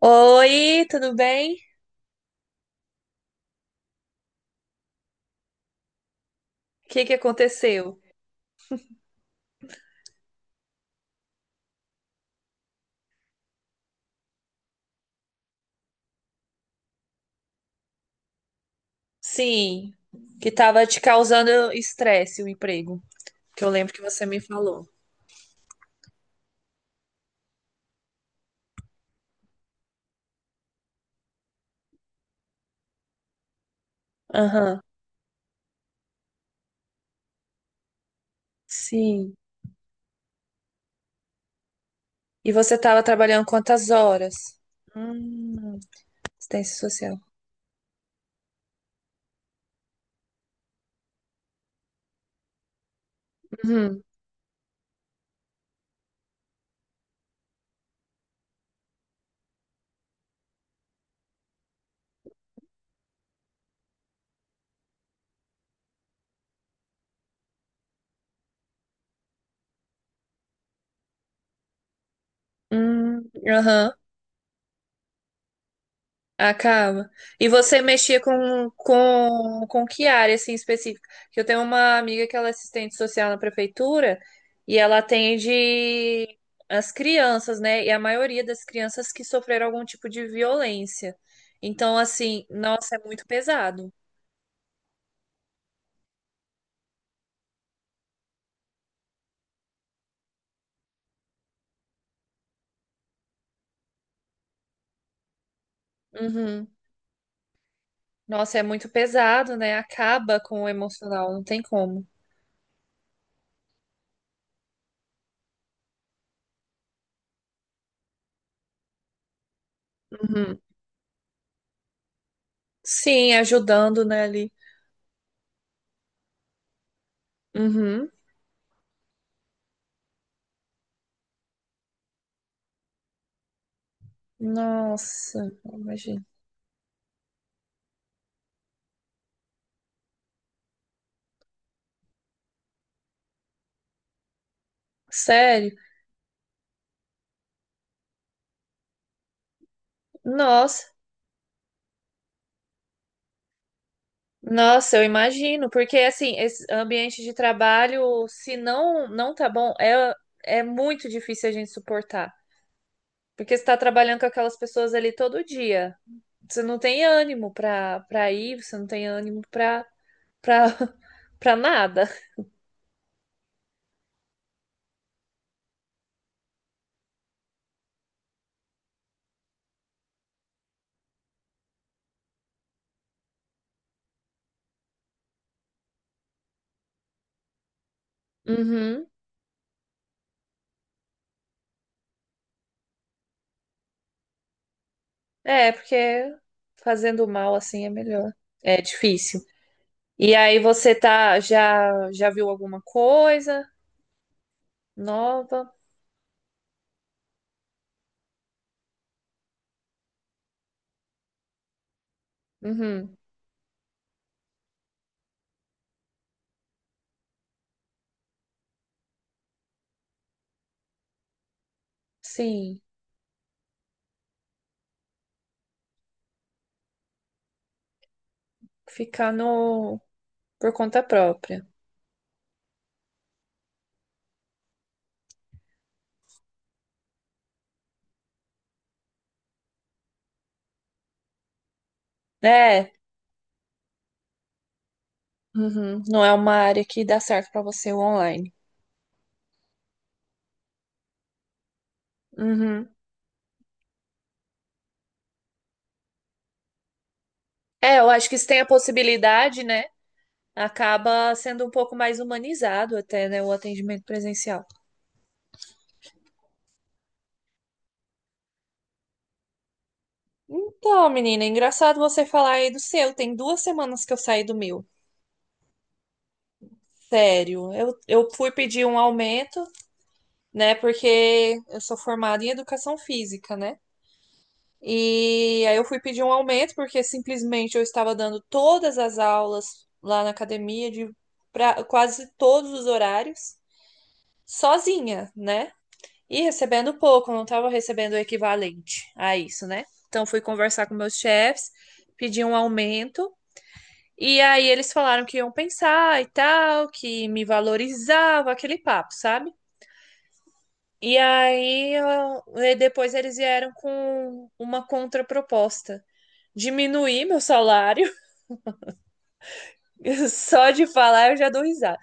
Oi, tudo bem? O que que aconteceu? Sim, que tava te causando estresse o emprego, que eu lembro que você me falou. Aham, sim. E você tava trabalhando quantas horas? Hum, assistência social. Uhum. Aham. Acaba. E você mexia com que área, assim, específica? Que eu tenho uma amiga que ela é assistente social na prefeitura e ela atende as crianças, né? E a maioria das crianças que sofreram algum tipo de violência. Então, assim, nossa, é muito pesado. Uhum. Nossa, é muito pesado, né? Acaba com o emocional, não tem como. Uhum. Sim, ajudando, né, ali. Uhum. Nossa, imagina. Sério? Nossa. Nossa, eu imagino, porque assim, esse ambiente de trabalho, se não tá bom, é muito difícil a gente suportar. Porque você tá trabalhando com aquelas pessoas ali todo dia. Você não tem ânimo pra, ir, você não tem ânimo pra, pra nada. Uhum. É, porque fazendo mal assim é melhor. É difícil. E aí você tá, já viu alguma coisa nova? Uhum. Sim, ficar no. Por conta própria. É, uhum, não é uma área que dá certo para você o online. Uhum. É, eu acho que se tem a possibilidade, né? Acaba sendo um pouco mais humanizado até, né, o atendimento presencial. Então, menina, é engraçado você falar aí do seu. Tem duas semanas que eu saí do meu. Sério, eu fui pedir um aumento, né? Porque eu sou formada em educação física, né? E aí eu fui pedir um aumento, porque simplesmente eu estava dando todas as aulas lá na academia, de quase todos os horários, sozinha, né? E recebendo pouco, eu não estava recebendo o equivalente a isso, né? Então fui conversar com meus chefes, pedi um aumento, e aí eles falaram que iam pensar e tal, que me valorizava, aquele papo, sabe? E aí depois eles vieram com uma contraproposta. Diminuir meu salário. Só de falar eu já dou risada.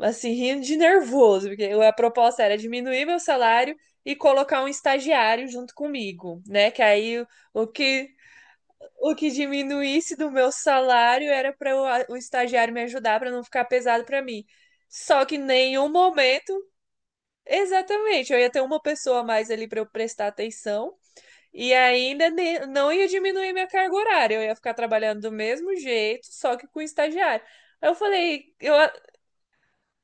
Assim, rindo de nervoso, porque a proposta era diminuir meu salário e colocar um estagiário junto comigo, né? Que aí o que o que diminuísse do meu salário era para o estagiário me ajudar para não ficar pesado para mim. Só que em nenhum momento, exatamente, eu ia ter uma pessoa a mais ali para eu prestar atenção. E ainda não ia diminuir minha carga horária, eu ia ficar trabalhando do mesmo jeito, só que com estagiário. Aí Eu falei, eu,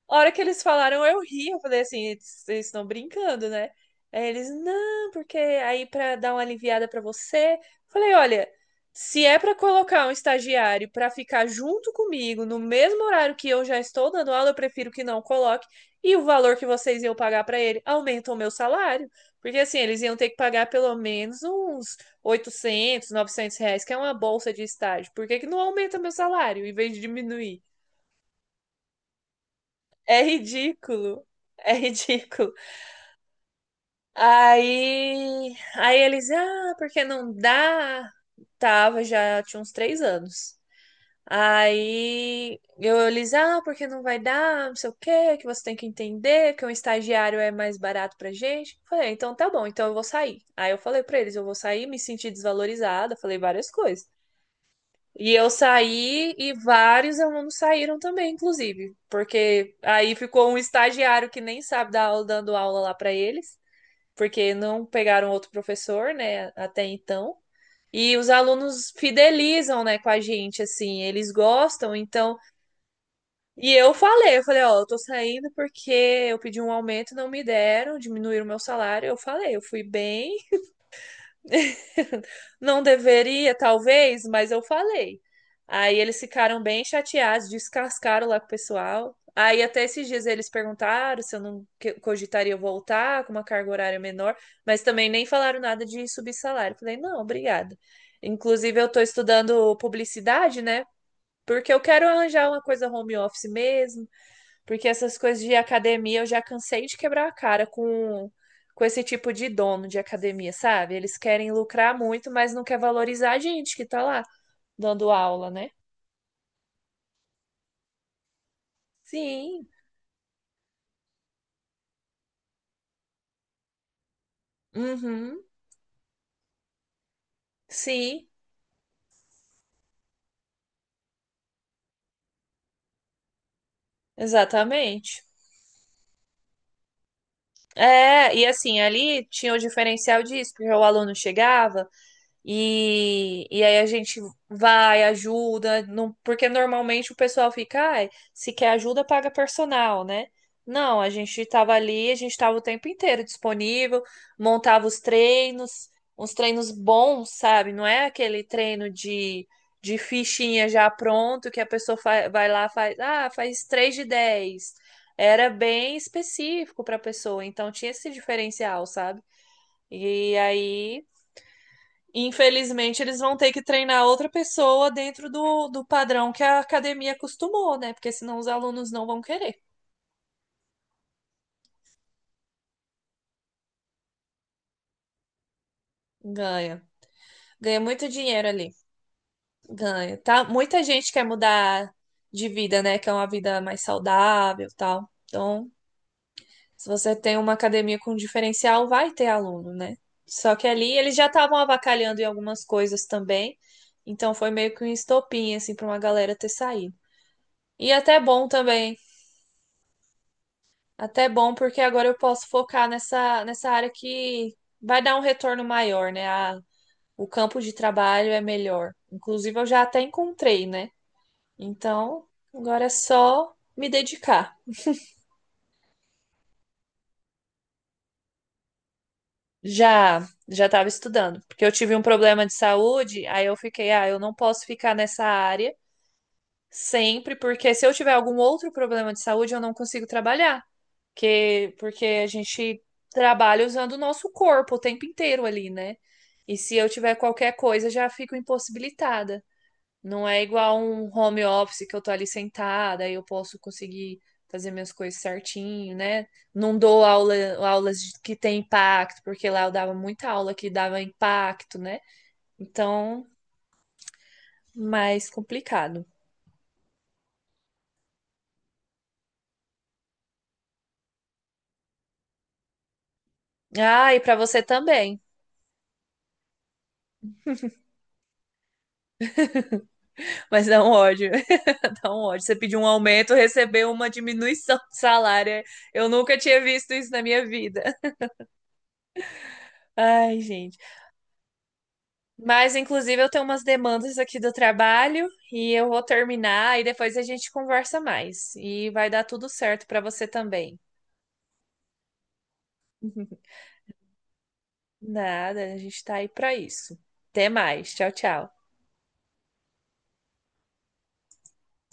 A hora que eles falaram, eu ri, eu falei assim, eles estão brincando, né? Aí eles, não, porque aí pra dar uma aliviada pra você. Falei, olha, se é pra colocar um estagiário pra ficar junto comigo no mesmo horário que eu já estou dando aula, eu prefiro que não coloque. E o valor que vocês iam pagar pra ele aumenta o meu salário. Porque assim, eles iam ter que pagar pelo menos uns 800, 900 reais, que é uma bolsa de estágio. Por que que não aumenta meu salário em vez de diminuir? É ridículo. É ridículo. Aí, aí eles, ah, porque não dá? Tava, já tinha uns três anos. Aí eu, eles, ah, porque não vai dar, não sei o quê, que você tem que entender que um estagiário é mais barato pra gente. Falei: "Ah, então tá bom, então eu vou sair." Aí eu falei pra eles, eu vou sair, me senti desvalorizada, falei várias coisas. E eu saí e vários alunos saíram também, inclusive, porque aí ficou um estagiário que nem sabe dar aula, dando aula lá para eles, porque não pegaram outro professor, né, até então. E os alunos fidelizam, né, com a gente, assim, eles gostam, então. E eu falei, ó, eu tô saindo porque eu pedi um aumento, não me deram, diminuíram o meu salário. Eu falei, eu fui bem. Não deveria, talvez, mas eu falei. Aí eles ficaram bem chateados, descascaram lá com o pessoal. Aí até esses dias eles perguntaram se eu não cogitaria voltar com uma carga horária menor, mas também nem falaram nada de subir salário. Falei, não, obrigada. Inclusive, eu estou estudando publicidade, né? Porque eu quero arranjar uma coisa home office mesmo. Porque essas coisas de academia eu já cansei de quebrar a cara com, esse tipo de dono de academia, sabe? Eles querem lucrar muito, mas não quer valorizar a gente que tá lá dando aula, né? Sim. Uhum. Sim, exatamente. É, e assim, ali tinha o diferencial disso, porque o aluno chegava, e aí a gente vai, ajuda, não, porque normalmente o pessoal fica, ai, se quer ajuda, paga personal, né? Não, a gente estava ali, a gente estava o tempo inteiro disponível, montava os treinos, uns treinos bons, sabe? Não é aquele treino de fichinha já pronto que a pessoa vai lá faz, ah, faz 3 de dez. Era bem específico para a pessoa, então tinha esse diferencial, sabe? E aí, infelizmente, eles vão ter que treinar outra pessoa dentro do padrão que a academia acostumou, né? Porque senão os alunos não vão querer. Ganha. Ganha muito dinheiro ali. Ganha. Tá? Muita gente quer mudar de vida, né? Quer uma vida mais saudável e tal. Então, se você tem uma academia com diferencial, vai ter aluno, né? Só que ali eles já estavam avacalhando em algumas coisas também. Então foi meio que um estopim, assim, pra uma galera ter saído. E até bom também. Até bom, porque agora eu posso focar nessa área que vai dar um retorno maior, né? A- o campo de trabalho é melhor. Inclusive, eu já até encontrei, né? Então, agora é só me dedicar. Já, já estava estudando, porque eu tive um problema de saúde, aí eu fiquei, ah, eu não posso ficar nessa área sempre, porque se eu tiver algum outro problema de saúde, eu não consigo trabalhar. Que, porque a gente trabalha usando o nosso corpo o tempo inteiro ali, né? E se eu tiver qualquer coisa, já fico impossibilitada. Não é igual um home office que eu tô ali sentada e eu posso conseguir fazer minhas coisas certinho, né? Não dou aula, aulas que tem impacto, porque lá eu dava muita aula que dava impacto, né? Então, mais complicado. Ah, e pra você também. Mas não ódio. Então, ótimo. Você pediu um aumento, recebeu uma diminuição de salário. Eu nunca tinha visto isso na minha vida. Ai, gente. Mas, inclusive, eu tenho umas demandas aqui do trabalho e eu vou terminar e depois a gente conversa mais. E vai dar tudo certo para você também. Nada, a gente tá aí para isso. Até mais. Tchau, tchau.